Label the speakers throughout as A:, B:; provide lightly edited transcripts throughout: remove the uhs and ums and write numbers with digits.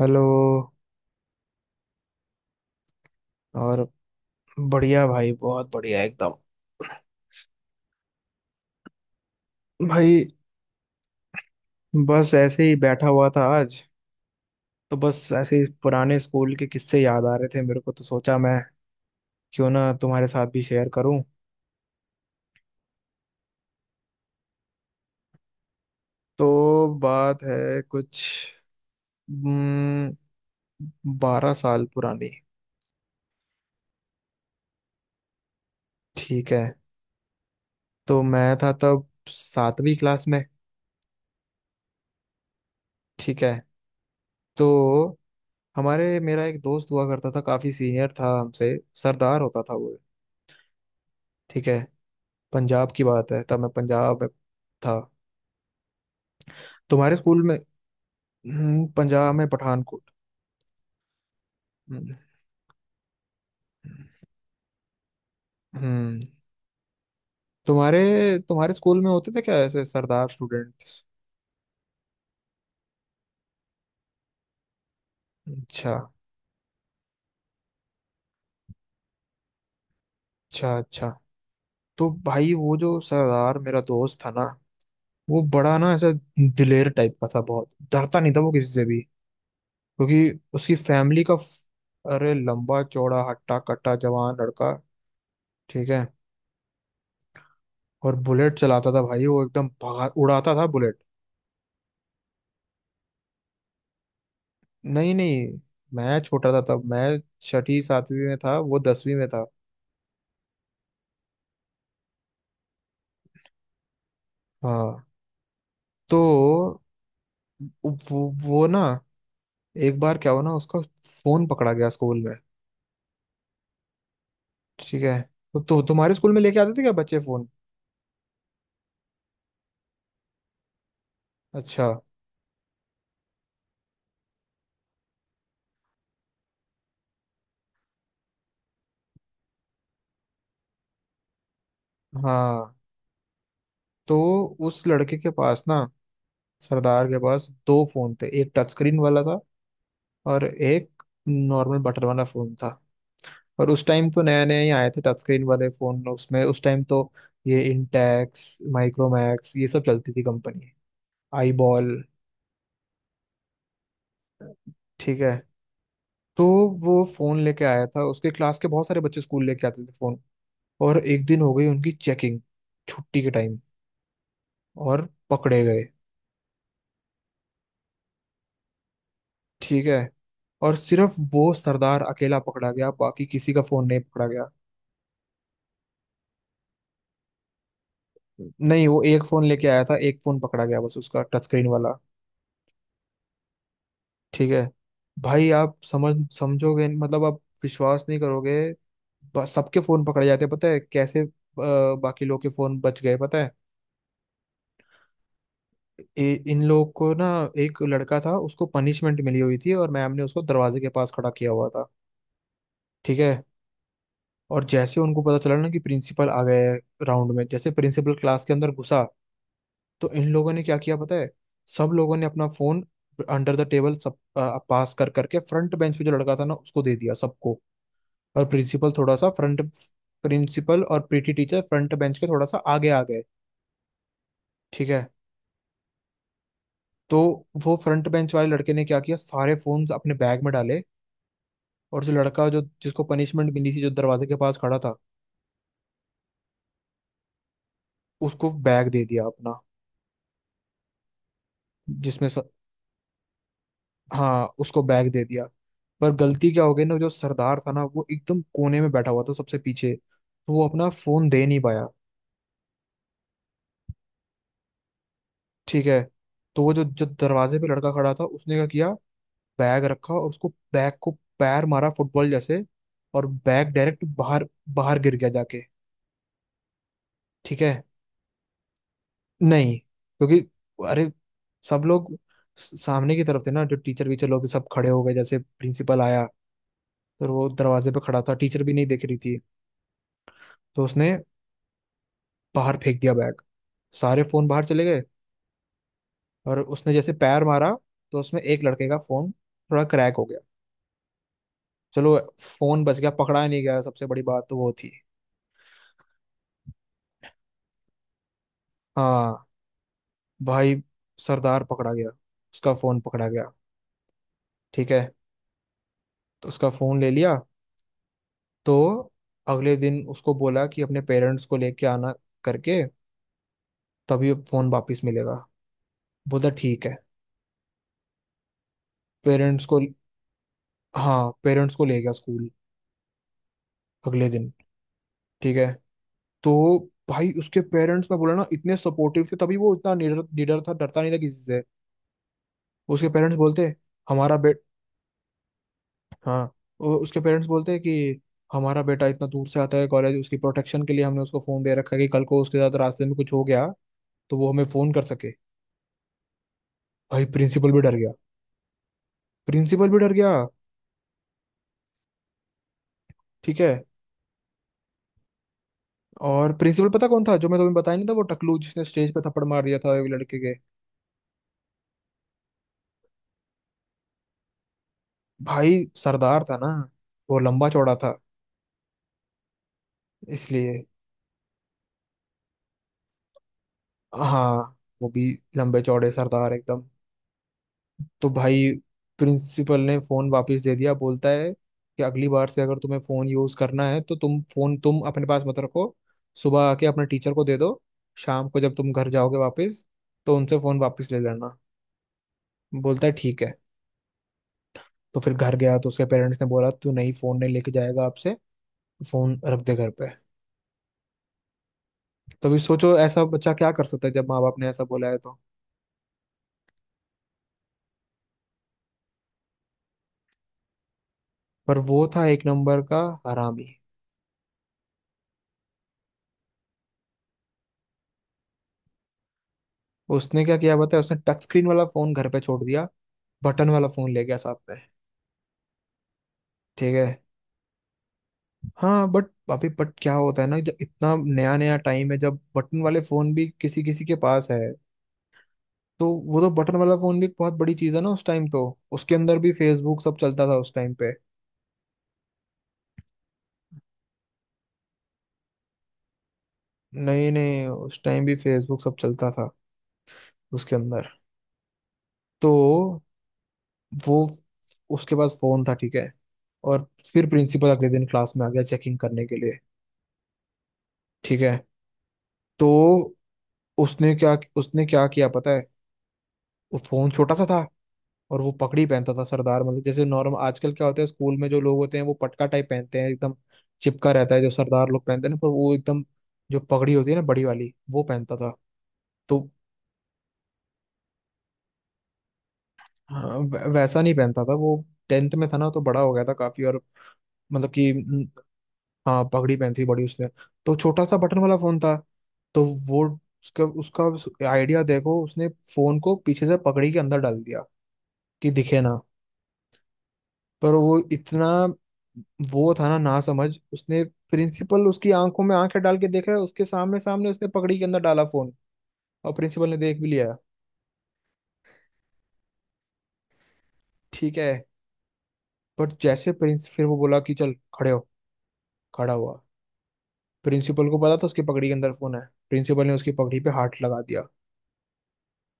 A: Hello. और बढ़िया भाई, बहुत बढ़िया एकदम। भाई, बस ऐसे ही बैठा हुआ था आज, तो बस ऐसे ही पुराने स्कूल के किस्से याद आ रहे थे मेरे को, तो सोचा मैं क्यों ना तुम्हारे साथ भी शेयर करूं। तो बात है कुछ 12 साल पुरानी। ठीक है, तो मैं था तब 7वीं क्लास में। ठीक है, तो हमारे मेरा एक दोस्त हुआ करता था, काफी सीनियर था हमसे। सरदार होता था वो। ठीक है, पंजाब की बात है, तब मैं पंजाब में था। तुम्हारे स्कूल में। पंजाब में पठानकोट। हम्म। हम्म, तुम्हारे तुम्हारे स्कूल में होते थे क्या ऐसे सरदार स्टूडेंट्स। अच्छा, अच्छा, अच्छा। तो भाई वो जो सरदार मेरा दोस्त था ना, वो बड़ा ना ऐसा दिलेर टाइप का था, बहुत डरता नहीं था वो किसी से भी, क्योंकि उसकी फैमिली का। अरे लंबा चौड़ा हट्टा कट्टा जवान लड़का। ठीक है, और बुलेट चलाता था भाई, वो एकदम भगा उड़ाता था बुलेट। नहीं नहीं, मैं छोटा था तब, मैं 6ठी 7वीं में था, वो 10वीं में था। हाँ, तो वो ना, एक बार क्या हुआ ना, उसका फोन पकड़ा गया स्कूल में। ठीक है, तो तुम्हारे स्कूल में लेके आते थे क्या बच्चे फोन। अच्छा। हाँ, तो उस लड़के के पास ना, सरदार के पास दो फोन थे, एक टच स्क्रीन वाला था और एक नॉर्मल बटन वाला फोन था। और उस टाइम तो नया नया ही आए थे टच स्क्रीन वाले फोन, उसमें उस टाइम तो ये इंटेक्स, माइक्रोमैक्स ये सब चलती थी कंपनी, आई बॉल। ठीक है, तो वो फोन लेके आया था, उसके क्लास के बहुत सारे बच्चे स्कूल लेके आते थे फोन। और एक दिन हो गई उनकी चेकिंग छुट्टी के टाइम, और पकड़े गए। ठीक है, और सिर्फ वो सरदार अकेला पकड़ा गया, बाकी किसी का फोन नहीं पकड़ा गया। नहीं, वो एक फोन लेके आया था, एक फोन पकड़ा गया बस, उसका टच स्क्रीन वाला। ठीक है, भाई आप समझ समझोगे, मतलब आप विश्वास नहीं करोगे। सबके फोन पकड़े जाते हैं पता है कैसे। बाकी लोग के फोन बच गए पता है। इन लोग को ना, एक लड़का था उसको पनिशमेंट मिली हुई थी, और मैम ने उसको दरवाजे के पास खड़ा किया हुआ था। ठीक है, और जैसे उनको पता चला ना कि प्रिंसिपल आ गए राउंड में, जैसे प्रिंसिपल क्लास के अंदर घुसा, तो इन लोगों ने क्या किया पता है, सब लोगों ने अपना फोन अंडर द टेबल सब पास कर करके फ्रंट बेंच पे जो लड़का था ना उसको दे दिया, सबको। और प्रिंसिपल थोड़ा सा फ्रंट, प्रिंसिपल और पीटी टीचर फ्रंट बेंच के थोड़ा सा आगे आ गए। ठीक है, तो वो फ्रंट बेंच वाले लड़के ने क्या किया, सारे फोन्स अपने बैग में डाले, और जो जिसको पनिशमेंट मिली थी, जो दरवाजे के पास खड़ा था, उसको बैग दे दिया अपना। जिसमें स... हाँ उसको बैग दे दिया। पर गलती क्या हो गई ना, जो सरदार था ना, वो एकदम कोने में बैठा हुआ था सबसे पीछे, तो वो अपना फोन दे नहीं पाया। ठीक है, तो वो जो जो दरवाजे पे लड़का खड़ा था उसने क्या किया, बैग रखा और उसको बैग को पैर मारा फुटबॉल जैसे, और बैग डायरेक्ट बाहर, बाहर गिर गया जाके। ठीक है, नहीं क्योंकि, अरे सब लोग सामने की तरफ थे ना, जो टीचर वीचर लोग थे, सब खड़े हो गए जैसे प्रिंसिपल आया, तो वो दरवाजे पे खड़ा था, टीचर भी नहीं देख रही थी, तो उसने बाहर फेंक दिया बैग, सारे फोन बाहर चले गए। और उसने जैसे पैर मारा तो उसमें एक लड़के का फोन थोड़ा क्रैक हो गया। चलो, फोन बच गया पकड़ा नहीं गया, सबसे बड़ी बात तो वो थी। हाँ, भाई सरदार पकड़ा गया, उसका फोन पकड़ा गया। ठीक है, तो उसका फोन ले लिया। तो अगले दिन उसको बोला कि अपने पेरेंट्स को लेके आना करके, तभी फोन वापस मिलेगा। बोला ठीक है। पेरेंट्स को, हाँ पेरेंट्स को ले गया स्कूल अगले दिन। ठीक है, तो भाई उसके पेरेंट्स मैं बोला ना इतने सपोर्टिव थे, तभी वो इतना निडर निडर था, डरता नहीं था किसी से। उसके पेरेंट्स बोलते, हमारा बे हाँ उसके पेरेंट्स बोलते हैं कि हमारा बेटा इतना दूर से आता है कॉलेज, उसकी प्रोटेक्शन के लिए हमने उसको फोन दे रखा है, कि कल को उसके साथ रास्ते में कुछ हो गया तो वो हमें फोन कर सके। भाई प्रिंसिपल भी डर गया, प्रिंसिपल भी डर गया। ठीक है, और प्रिंसिपल पता कौन था जो मैं तुम्हें बताया नहीं था, वो टकलू जिसने स्टेज पे थप्पड़ मार दिया था एक लड़के के। भाई सरदार था ना, वो लंबा चौड़ा था इसलिए। हाँ वो भी लंबे चौड़े सरदार एकदम। तो भाई प्रिंसिपल ने फोन वापस दे दिया, बोलता है कि अगली बार से अगर तुम्हें फोन यूज करना है तो तुम फोन तुम अपने पास मत रखो, सुबह आके अपने टीचर को दे दो, शाम को जब तुम घर जाओगे वापस तो उनसे फोन वापस ले लेना। बोलता है ठीक है। तो फिर घर गया तो उसके पेरेंट्स ने बोला तू नहीं फोन नहीं लेके जाएगा आपसे, फोन रख दे घर पे। तो अभी सोचो ऐसा बच्चा क्या कर सकता है जब माँ बाप ने ऐसा बोला है तो। पर वो था एक नंबर का हरामी। उसने क्या किया बताया, उसने टच स्क्रीन वाला फोन घर पे छोड़ दिया, बटन वाला फोन ले गया साथ में। ठीक है। हाँ बट, अभी बट क्या होता है ना, जब इतना नया नया टाइम है जब बटन वाले फोन भी किसी किसी के पास है, तो वो तो बटन वाला फोन भी बहुत बड़ी चीज है ना उस टाइम तो। उसके अंदर भी फेसबुक सब चलता था उस टाइम पे। नहीं नहीं, उस टाइम भी फेसबुक सब चलता था उसके अंदर। तो वो, उसके पास फोन था ठीक है। और फिर प्रिंसिपल अगले दिन क्लास में आ गया चेकिंग करने के लिए। ठीक है, तो उसने क्या किया पता है, वो फोन छोटा सा था। और वो पगड़ी पहनता था सरदार, मतलब जैसे नॉर्मल आजकल क्या होता है स्कूल में, जो लोग होते हैं वो पटका टाइप पहनते हैं, एकदम चिपका रहता है, जो सरदार लोग पहनते हैं ना, पर वो एकदम जो पगड़ी होती है ना बड़ी वाली वो पहनता था। तो हाँ, वैसा नहीं पहनता था वो। टेंथ में था ना तो बड़ा हो गया था काफी और, मतलब कि हाँ पगड़ी पहनती थी बड़ी उसने। तो छोटा सा बटन वाला फोन था। तो वो, उसका उसका आइडिया देखो, उसने फोन को पीछे से पगड़ी के अंदर डाल दिया, कि दिखे ना। पर वो इतना, वो था ना ना समझ, उसने, प्रिंसिपल उसकी आंखों में आंखें डाल के देख रहा है उसके सामने सामने, उसने पगड़ी के अंदर डाला फोन, और प्रिंसिपल ने देख भी लिया। ठीक है, पर जैसे प्रिंस, फिर वो बोला कि चल खड़े हो, खड़ा हुआ, प्रिंसिपल को पता था उसकी पगड़ी के अंदर फोन है, प्रिंसिपल ने उसकी पगड़ी पे हाथ लगा दिया।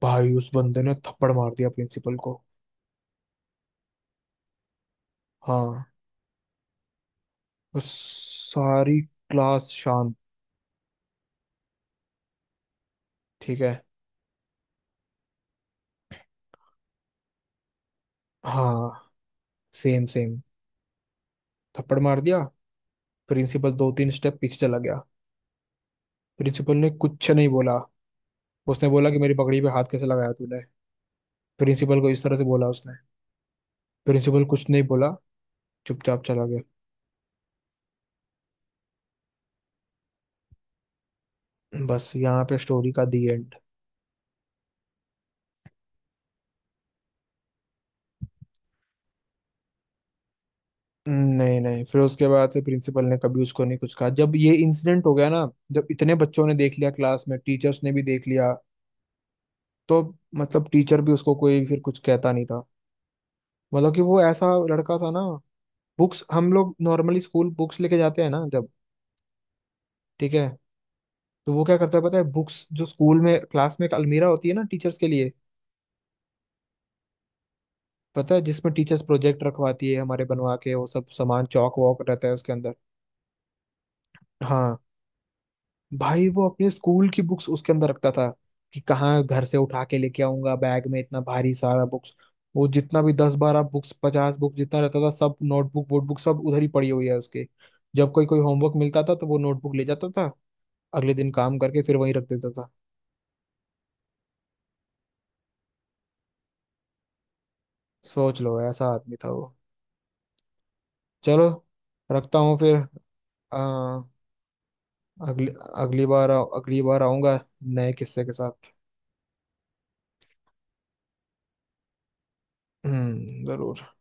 A: भाई उस बंदे ने थप्पड़ मार दिया प्रिंसिपल को। हाँ, उस, सारी क्लास शांत। ठीक है। हाँ, सेम सेम, थप्पड़ मार दिया। प्रिंसिपल दो तीन स्टेप पीछे चला गया। प्रिंसिपल ने कुछ नहीं बोला। उसने बोला कि मेरी पगड़ी पे हाथ कैसे लगाया तूने, प्रिंसिपल को इस तरह से बोला उसने। प्रिंसिपल कुछ नहीं बोला, चुपचाप चला गया। बस यहाँ पे स्टोरी का दी एंड। नहीं नहीं, फिर उसके बाद से प्रिंसिपल ने कभी उसको नहीं कुछ कहा, जब ये इंसिडेंट हो गया ना, जब इतने बच्चों ने देख लिया क्लास में, टीचर्स ने भी देख लिया, तो मतलब टीचर भी उसको कोई फिर कुछ कहता नहीं था। मतलब कि वो ऐसा लड़का था ना, बुक्स हम लोग नॉर्मली स्कूल बुक्स लेके जाते हैं ना जब, ठीक है, तो वो क्या करता है पता है, बुक्स जो स्कूल में क्लास में एक अलमीरा होती है ना टीचर्स के लिए, पता है जिसमें टीचर्स प्रोजेक्ट रखवाती है हमारे बनवा के, वो सब सामान चौक वॉक रहता है उसके अंदर। हाँ, भाई वो अपने स्कूल की बुक्स उसके अंदर रखता था, कि कहाँ घर से उठा के लेके आऊंगा बैग में इतना भारी सारा बुक्स। वो जितना भी 10 12 बुक्स, 50 बुक्स जितना रहता था, सब नोटबुक वोटबुक सब उधर ही पड़ी हुई है उसके। जब कोई कोई होमवर्क मिलता था तो वो नोटबुक ले जाता था, अगले दिन काम करके फिर वहीं रख देता था। सोच लो ऐसा आदमी था वो। चलो, रखता हूँ फिर। हाँ, अगली, अगली बार आऊंगा नए किस्से के साथ। हम्म, जरूर।